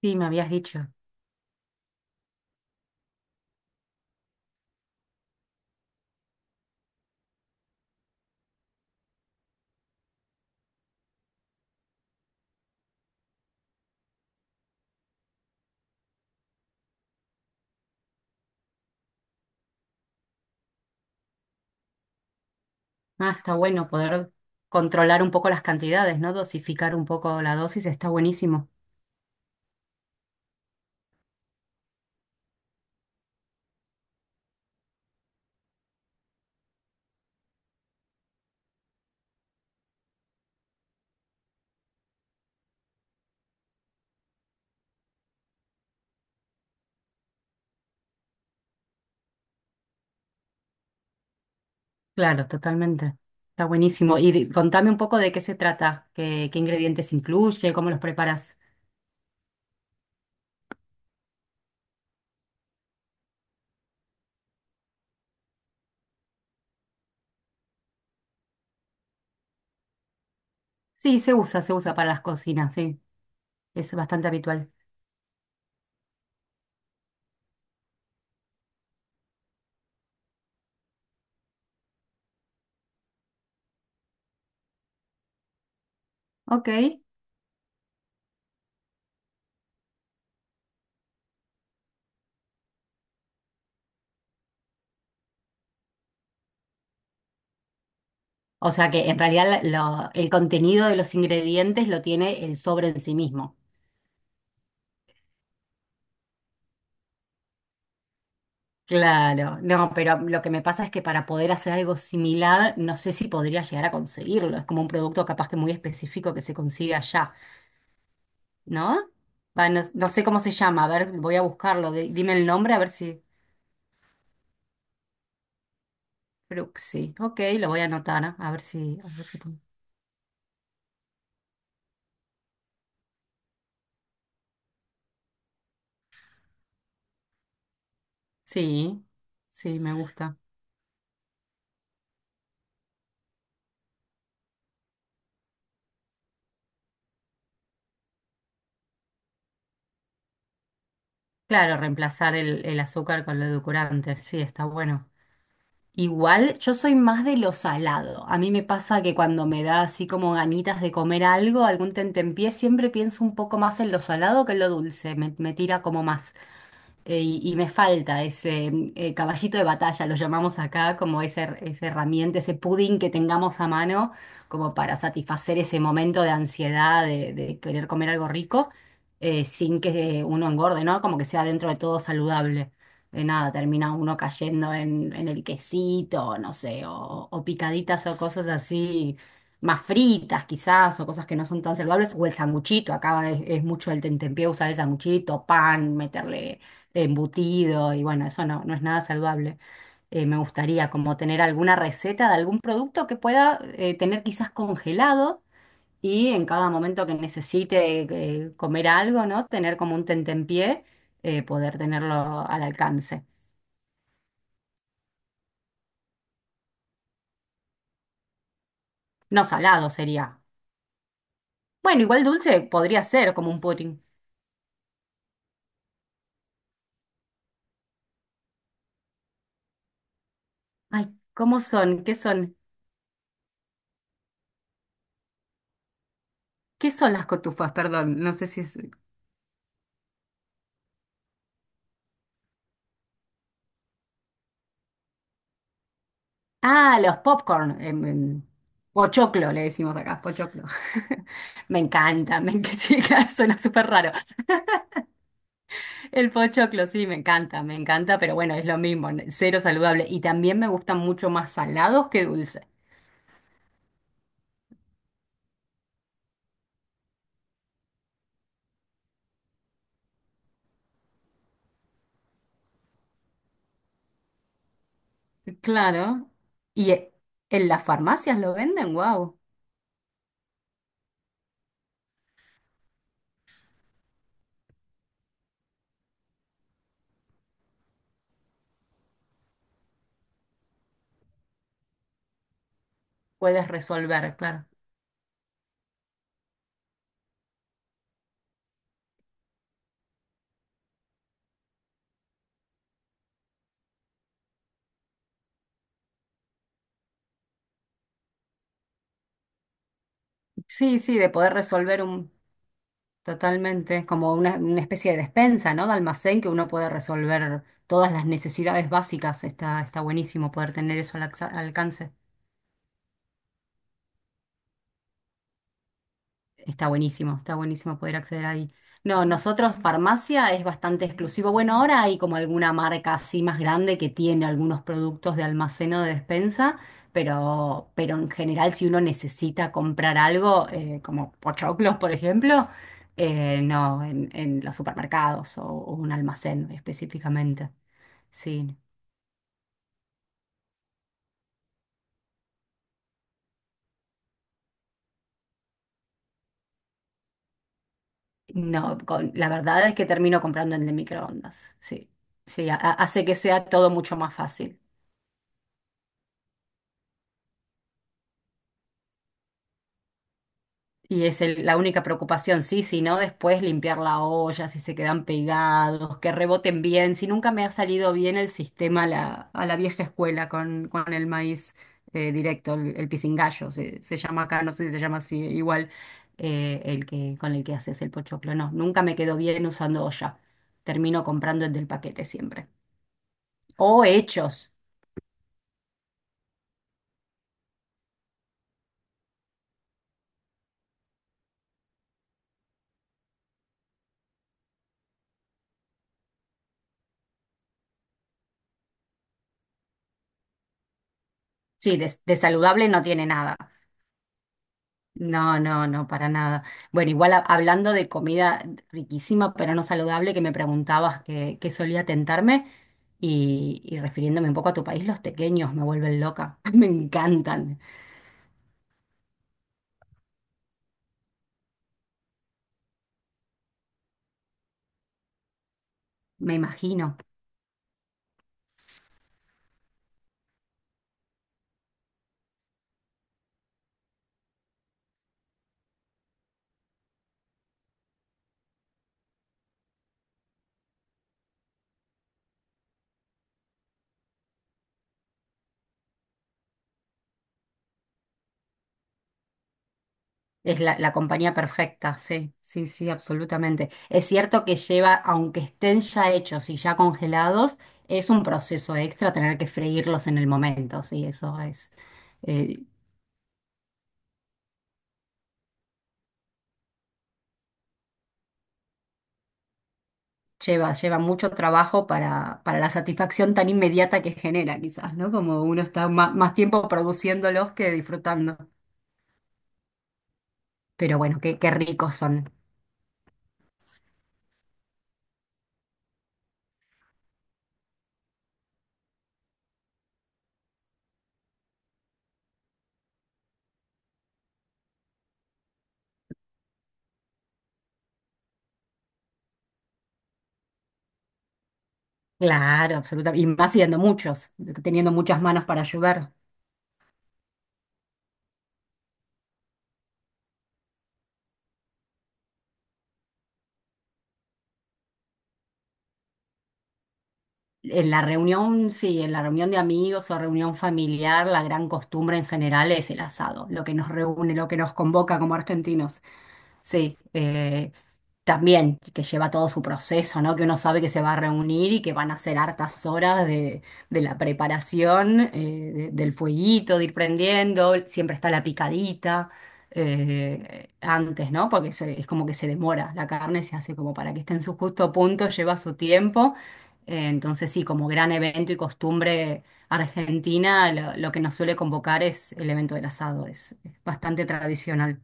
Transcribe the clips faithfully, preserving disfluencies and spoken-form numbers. Sí, me habías dicho. Ah, está bueno poder controlar un poco las cantidades, ¿no? Dosificar un poco la dosis, está buenísimo. Claro, totalmente. Está buenísimo. Y di- contame un poco de qué se trata, qué, qué ingredientes incluye, cómo los preparas. Sí, se usa, se usa para las cocinas, sí. Es bastante habitual. Ok. O sea que en realidad la- lo- el contenido de los ingredientes lo tiene el sobre en sí mismo. Claro, no, pero lo que me pasa es que para poder hacer algo similar, no sé si podría llegar a conseguirlo. Es como un producto capaz que muy específico que se consigue allá, ¿no? Va, no, no sé cómo se llama, a ver, voy a buscarlo. Di- dime el nombre, a ver si. Fruxi. Ok, lo voy a anotar, a ver si, a ver si. Sí, sí, me gusta. Claro, reemplazar el, el azúcar con lo edulcorante, sí, está bueno. Igual, yo soy más de lo salado. A mí me pasa que cuando me da así como ganitas de comer algo, algún tentempié, siempre pienso un poco más en lo salado que en lo dulce. Me, me tira como más eh, y, y me falta ese eh, caballito de batalla, lo llamamos acá, como ese, esa herramienta, ese pudding que tengamos a mano, como para satisfacer ese momento de ansiedad, de, de querer comer algo rico, eh, sin que uno engorde, ¿no? Como que sea dentro de todo saludable. De nada, termina uno cayendo en, en el quesito, no sé, o, o picaditas o cosas así, más fritas quizás, o cosas que no son tan saludables, o el sanguchito, acá es, es mucho el tentempié usar el sanguchito, pan, meterle embutido y bueno, eso no, no es nada saludable. Eh, me gustaría como tener alguna receta de algún producto que pueda eh, tener quizás congelado y en cada momento que necesite eh, comer algo, ¿no? Tener como un tentempié, eh, poder tenerlo al alcance. No, salado sería. Bueno, igual dulce podría ser como un pudding. Ay, ¿cómo son? ¿Qué son? ¿Qué son las cotufas? Perdón, no sé si es... Ah, los popcorn. Em, em, pochoclo, le decimos acá, pochoclo. Me encanta, me encanta, sí, claro, suena súper raro. El pochoclo, sí, me encanta, me encanta, pero bueno, es lo mismo, n- cero saludable. Y también me gustan mucho más salados que dulces. Claro. Y eh, en las farmacias lo venden, wow. Puedes resolver, claro. Sí, sí, de poder resolver un... Totalmente, es como una, una especie de despensa, ¿no? De almacén que uno puede resolver todas las necesidades básicas. Está, está buenísimo poder tener eso al acce- alcance. Está buenísimo, está buenísimo poder acceder ahí. No, nosotros farmacia es bastante exclusivo. Bueno, ahora hay como alguna marca así más grande que tiene algunos productos de almacén o de despensa, pero, pero en general si uno necesita comprar algo, eh, como pochoclos, por ejemplo, eh, no, en, en los supermercados o, o un almacén específicamente. Sí, no, con- la verdad es que termino comprando en el de microondas. Sí, sí, ha- hace que sea todo mucho más fácil. Y es el- la única preocupación, sí, si no, después limpiar la olla, si se quedan pegados, que reboten bien. Si nunca me ha salido bien el sistema a la, a la vieja escuela con, con el maíz eh, directo, el, el pisingallo, se, se llama acá, no sé si se llama así, igual eh, el que, con el que haces el pochoclo. No, nunca me quedó bien usando olla. Termino comprando el del paquete siempre. O hechos. Sí, de, de saludable no tiene nada. No, no, no, para nada. Bueno, igual ha- hablando de comida riquísima pero no saludable, que me preguntabas qué qué solía tentarme y, y refiriéndome un poco a tu país, los tequeños me vuelven loca, me encantan, me imagino. Es la, la compañía perfecta, sí, sí, sí, absolutamente. Es cierto que lleva, aunque estén ya hechos y ya congelados, es un proceso extra tener que freírlos en el momento, sí, eso es. eh, Lleva, lleva mucho trabajo para, para la satisfacción tan inmediata que genera, quizás, ¿no? Como uno está ma- más, tiempo produciéndolos que disfrutando. Pero bueno, qué, qué ricos son. Claro, absolutamente. Y más siendo muchos, teniendo muchas manos para ayudar. En la reunión, sí, en la reunión de amigos o reunión familiar, la gran costumbre en general es el asado, lo que nos reúne, lo que nos convoca como argentinos. Sí, eh, también que lleva todo su proceso, ¿no? Que uno sabe que se va a reunir y que van a ser hartas horas de, de la preparación, eh, de- del fueguito, de ir prendiendo, siempre está la picadita eh, antes, ¿no? Porque se- es como que se demora, la carne se hace como para que esté en su justo punto, lleva su tiempo. Eh, entonces sí, como gran evento y costumbre argentina, lo, lo que nos suele convocar es el evento del asado, es es bastante tradicional.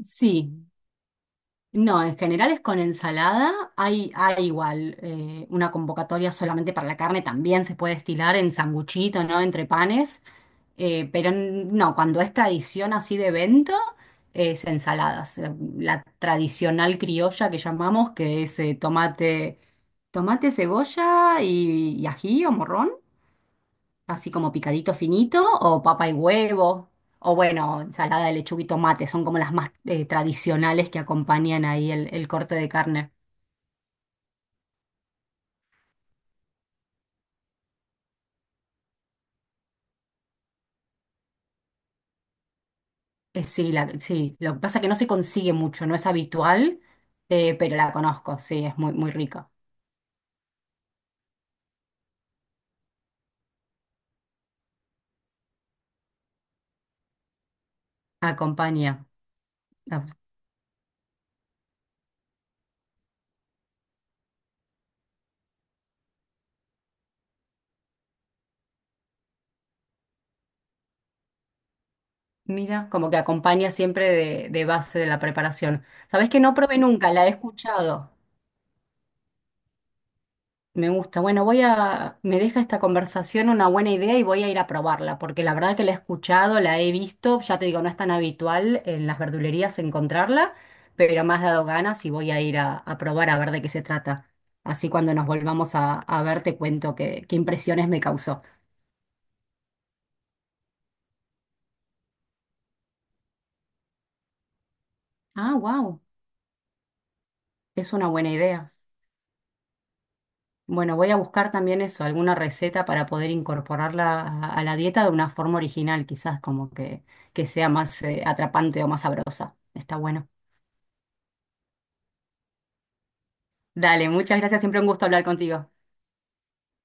Sí, no, en general es con ensalada. Hay, hay igual eh, una convocatoria solamente para la carne, también se puede estilar en sanguchito, ¿no? Entre panes. Eh, pero n- no, cuando es tradición así de evento, es ensaladas. Eh, La tradicional criolla que llamamos, que es eh, tomate, tomate, cebolla y, y ají o morrón así como picadito finito, o papa y huevo, o bueno, ensalada de lechuga y tomate, son como las más eh, tradicionales que acompañan ahí el, el corte de carne. Eh, sí, la- sí, lo que pasa es que no se consigue mucho, no es habitual, eh, pero la conozco, sí, es muy, muy rica. Acompaña. Ah, mira, como que acompaña siempre de, de base de la preparación. ¿Sabés que no probé nunca? La he escuchado. Me gusta. Bueno, voy a, me deja esta conversación una buena idea y voy a ir a probarla, porque la verdad que la he escuchado, la he visto, ya te digo, no es tan habitual en las verdulerías encontrarla, pero me has dado ganas y voy a ir a, a probar a ver de qué se trata. Así cuando nos volvamos a, a ver te cuento qué, qué impresiones me causó. Ah, wow, es una buena idea. Bueno, voy a buscar también eso, alguna receta para poder incorporarla a, a la dieta de una forma original, quizás como que, que sea más eh, atrapante o más sabrosa. Está bueno. Dale, muchas gracias, siempre un gusto hablar contigo.